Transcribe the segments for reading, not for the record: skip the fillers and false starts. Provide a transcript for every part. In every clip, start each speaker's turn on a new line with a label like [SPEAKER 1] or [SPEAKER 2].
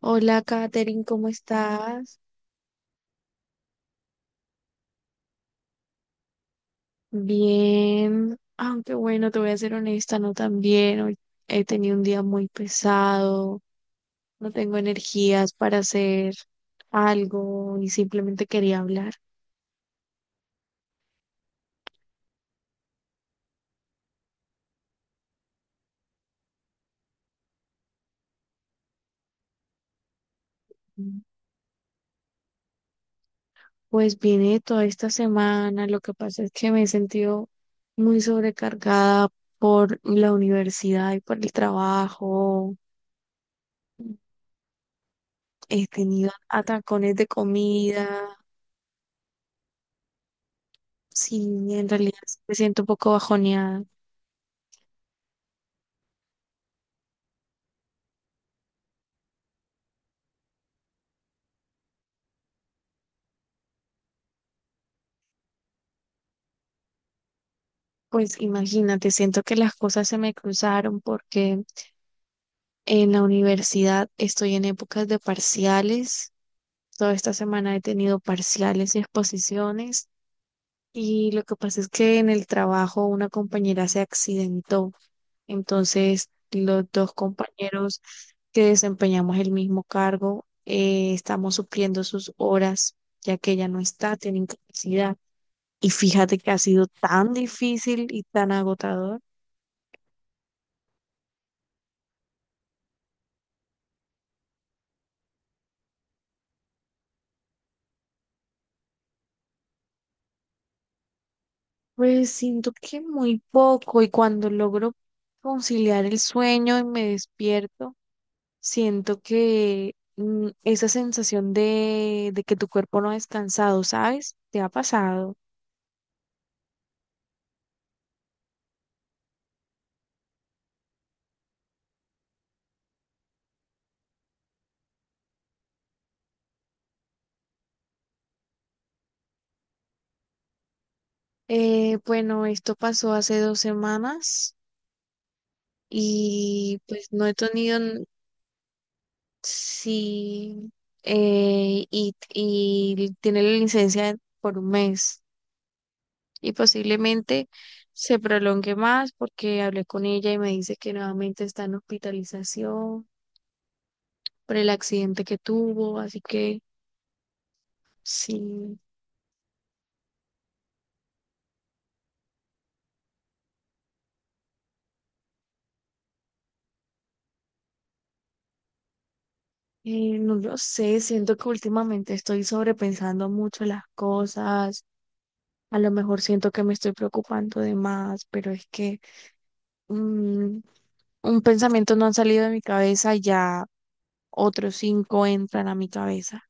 [SPEAKER 1] Hola, Katherine, ¿cómo estás? Bien, aunque bueno, te voy a ser honesta, no tan bien. Hoy he tenido un día muy pesado, no tengo energías para hacer algo y simplemente quería hablar. Pues viene toda esta semana, lo que pasa es que me he sentido muy sobrecargada por la universidad y por el trabajo. He tenido atacones de comida, sí, en realidad me siento un poco bajoneada. Pues imagínate, siento que las cosas se me cruzaron porque en la universidad estoy en épocas de parciales. Toda esta semana he tenido parciales y exposiciones. Y lo que pasa es que en el trabajo una compañera se accidentó. Entonces, los dos compañeros que desempeñamos el mismo cargo estamos supliendo sus horas, ya que ella no está, tiene incapacidad. Y fíjate que ha sido tan difícil y tan agotador. Pues siento que muy poco y cuando logro conciliar el sueño y me despierto, siento que esa sensación de que tu cuerpo no ha descansado, ¿sabes? ¿Te ha pasado? Bueno, esto pasó hace 2 semanas y pues no he tenido. Sí, y tiene la licencia por un mes. Y posiblemente se prolongue más porque hablé con ella y me dice que nuevamente está en hospitalización por el accidente que tuvo, así que sí. No lo sé, siento que últimamente estoy sobrepensando mucho las cosas, a lo mejor siento que me estoy preocupando de más, pero es que mm, un pensamiento no ha salido de mi cabeza y ya otros cinco entran a mi cabeza,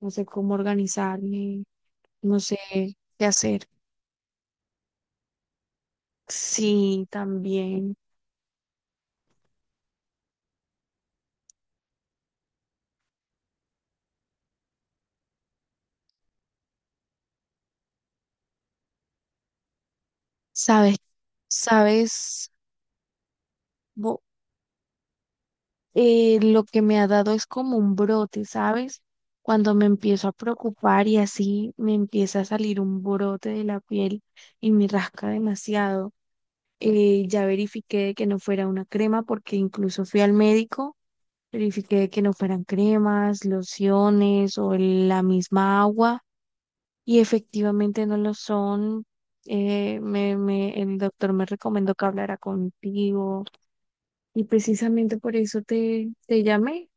[SPEAKER 1] no sé cómo organizarme, no sé qué hacer. Sí, también. Sabes, sabes, Bo- lo que me ha dado es como un brote, ¿sabes? Cuando me empiezo a preocupar y así me empieza a salir un brote de la piel y me rasca demasiado. Ya verifiqué de que no fuera una crema porque incluso fui al médico, verifiqué de que no fueran cremas, lociones o la misma agua, y efectivamente no lo son. El doctor me recomendó que hablara contigo y precisamente por eso te llamé.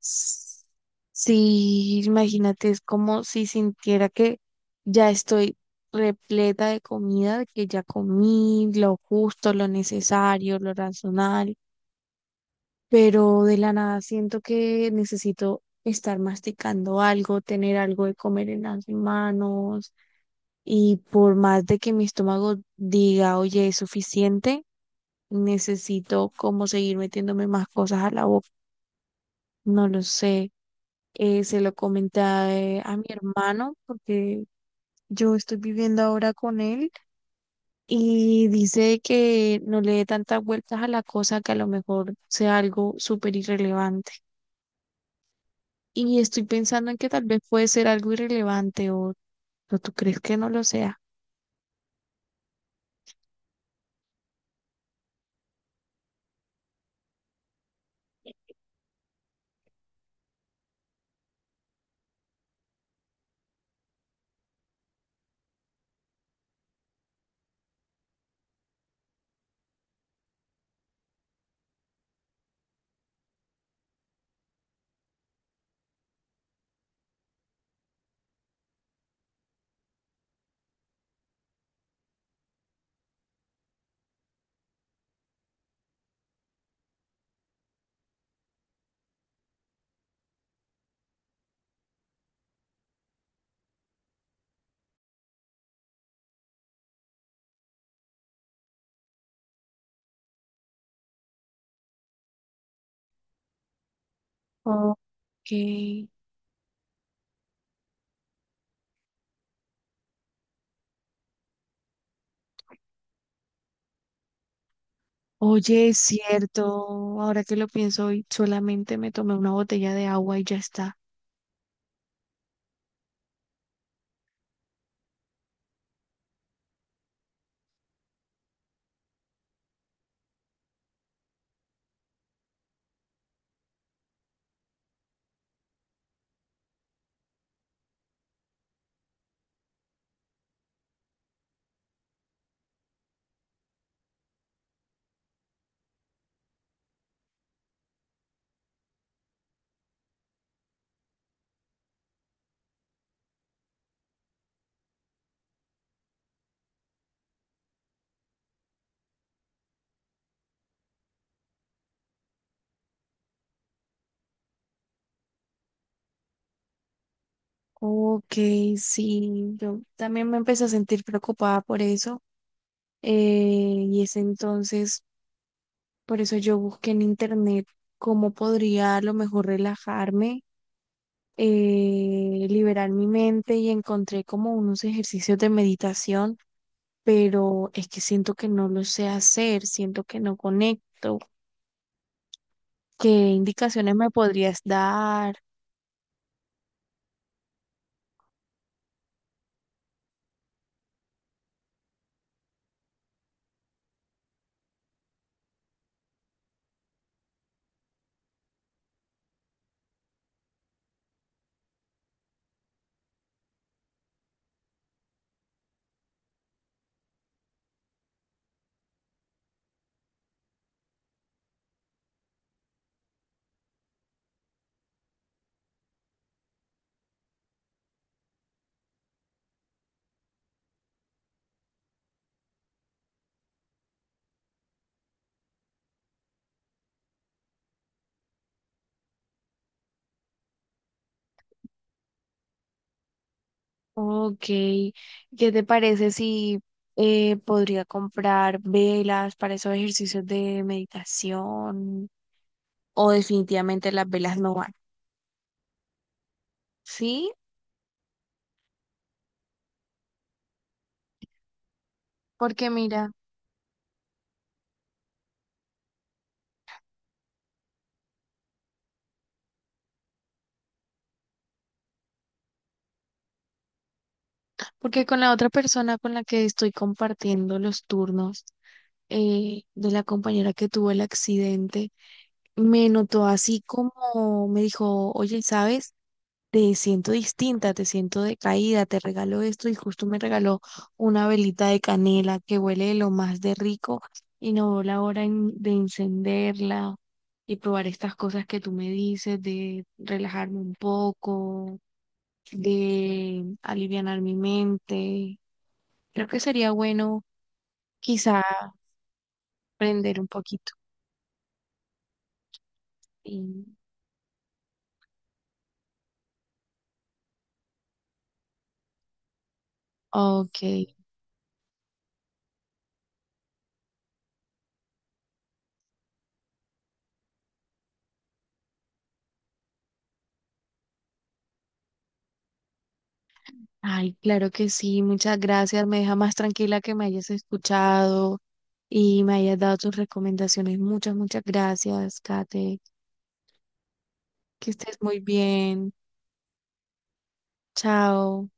[SPEAKER 1] S- Sí, imagínate, es como si sintiera que ya estoy repleta de comida, de que ya comí lo justo, lo necesario, lo razonable, pero de la nada siento que necesito estar masticando algo, tener algo de comer en las manos. Y por más de que mi estómago diga, oye, es suficiente, necesito como seguir metiéndome más cosas a la boca. No lo sé. Se lo comenté a a mi hermano porque yo estoy viviendo ahora con él y dice que no le dé tantas vueltas a la cosa, que a lo mejor sea algo súper irrelevante. Y estoy pensando en que tal vez puede ser algo irrelevante, o tú crees que no lo sea. Ok. Oye, es cierto. Ahora que lo pienso, hoy solamente me tomé una botella de agua y ya está. Ok, sí. Yo también me empecé a sentir preocupada por eso. Y es entonces, por eso yo busqué en internet cómo podría a lo mejor relajarme, liberar mi mente, y encontré como unos ejercicios de meditación, pero es que siento que no lo sé hacer, siento que no conecto. ¿Qué indicaciones me podrías dar? Ok, ¿qué te parece si podría comprar velas para esos ejercicios de meditación? ¿O definitivamente las velas no van? ¿Sí? Porque mira, porque con la otra persona con la que estoy compartiendo los turnos, de la compañera que tuvo el accidente, me notó, así como me dijo, oye, ¿sabes? Te siento distinta, te siento decaída, te regalo esto. Y justo me regaló una velita de canela que huele de lo más de rico, y no veo la hora de encenderla y probar estas cosas que tú me dices, de relajarme un poco, de alivianar mi mente. Creo que sería bueno quizá aprender un poquito. Y, ok. Ay, claro que sí, muchas gracias. Me deja más tranquila que me hayas escuchado y me hayas dado tus recomendaciones. Muchas, muchas gracias, Kate. Que estés muy bien. Chao.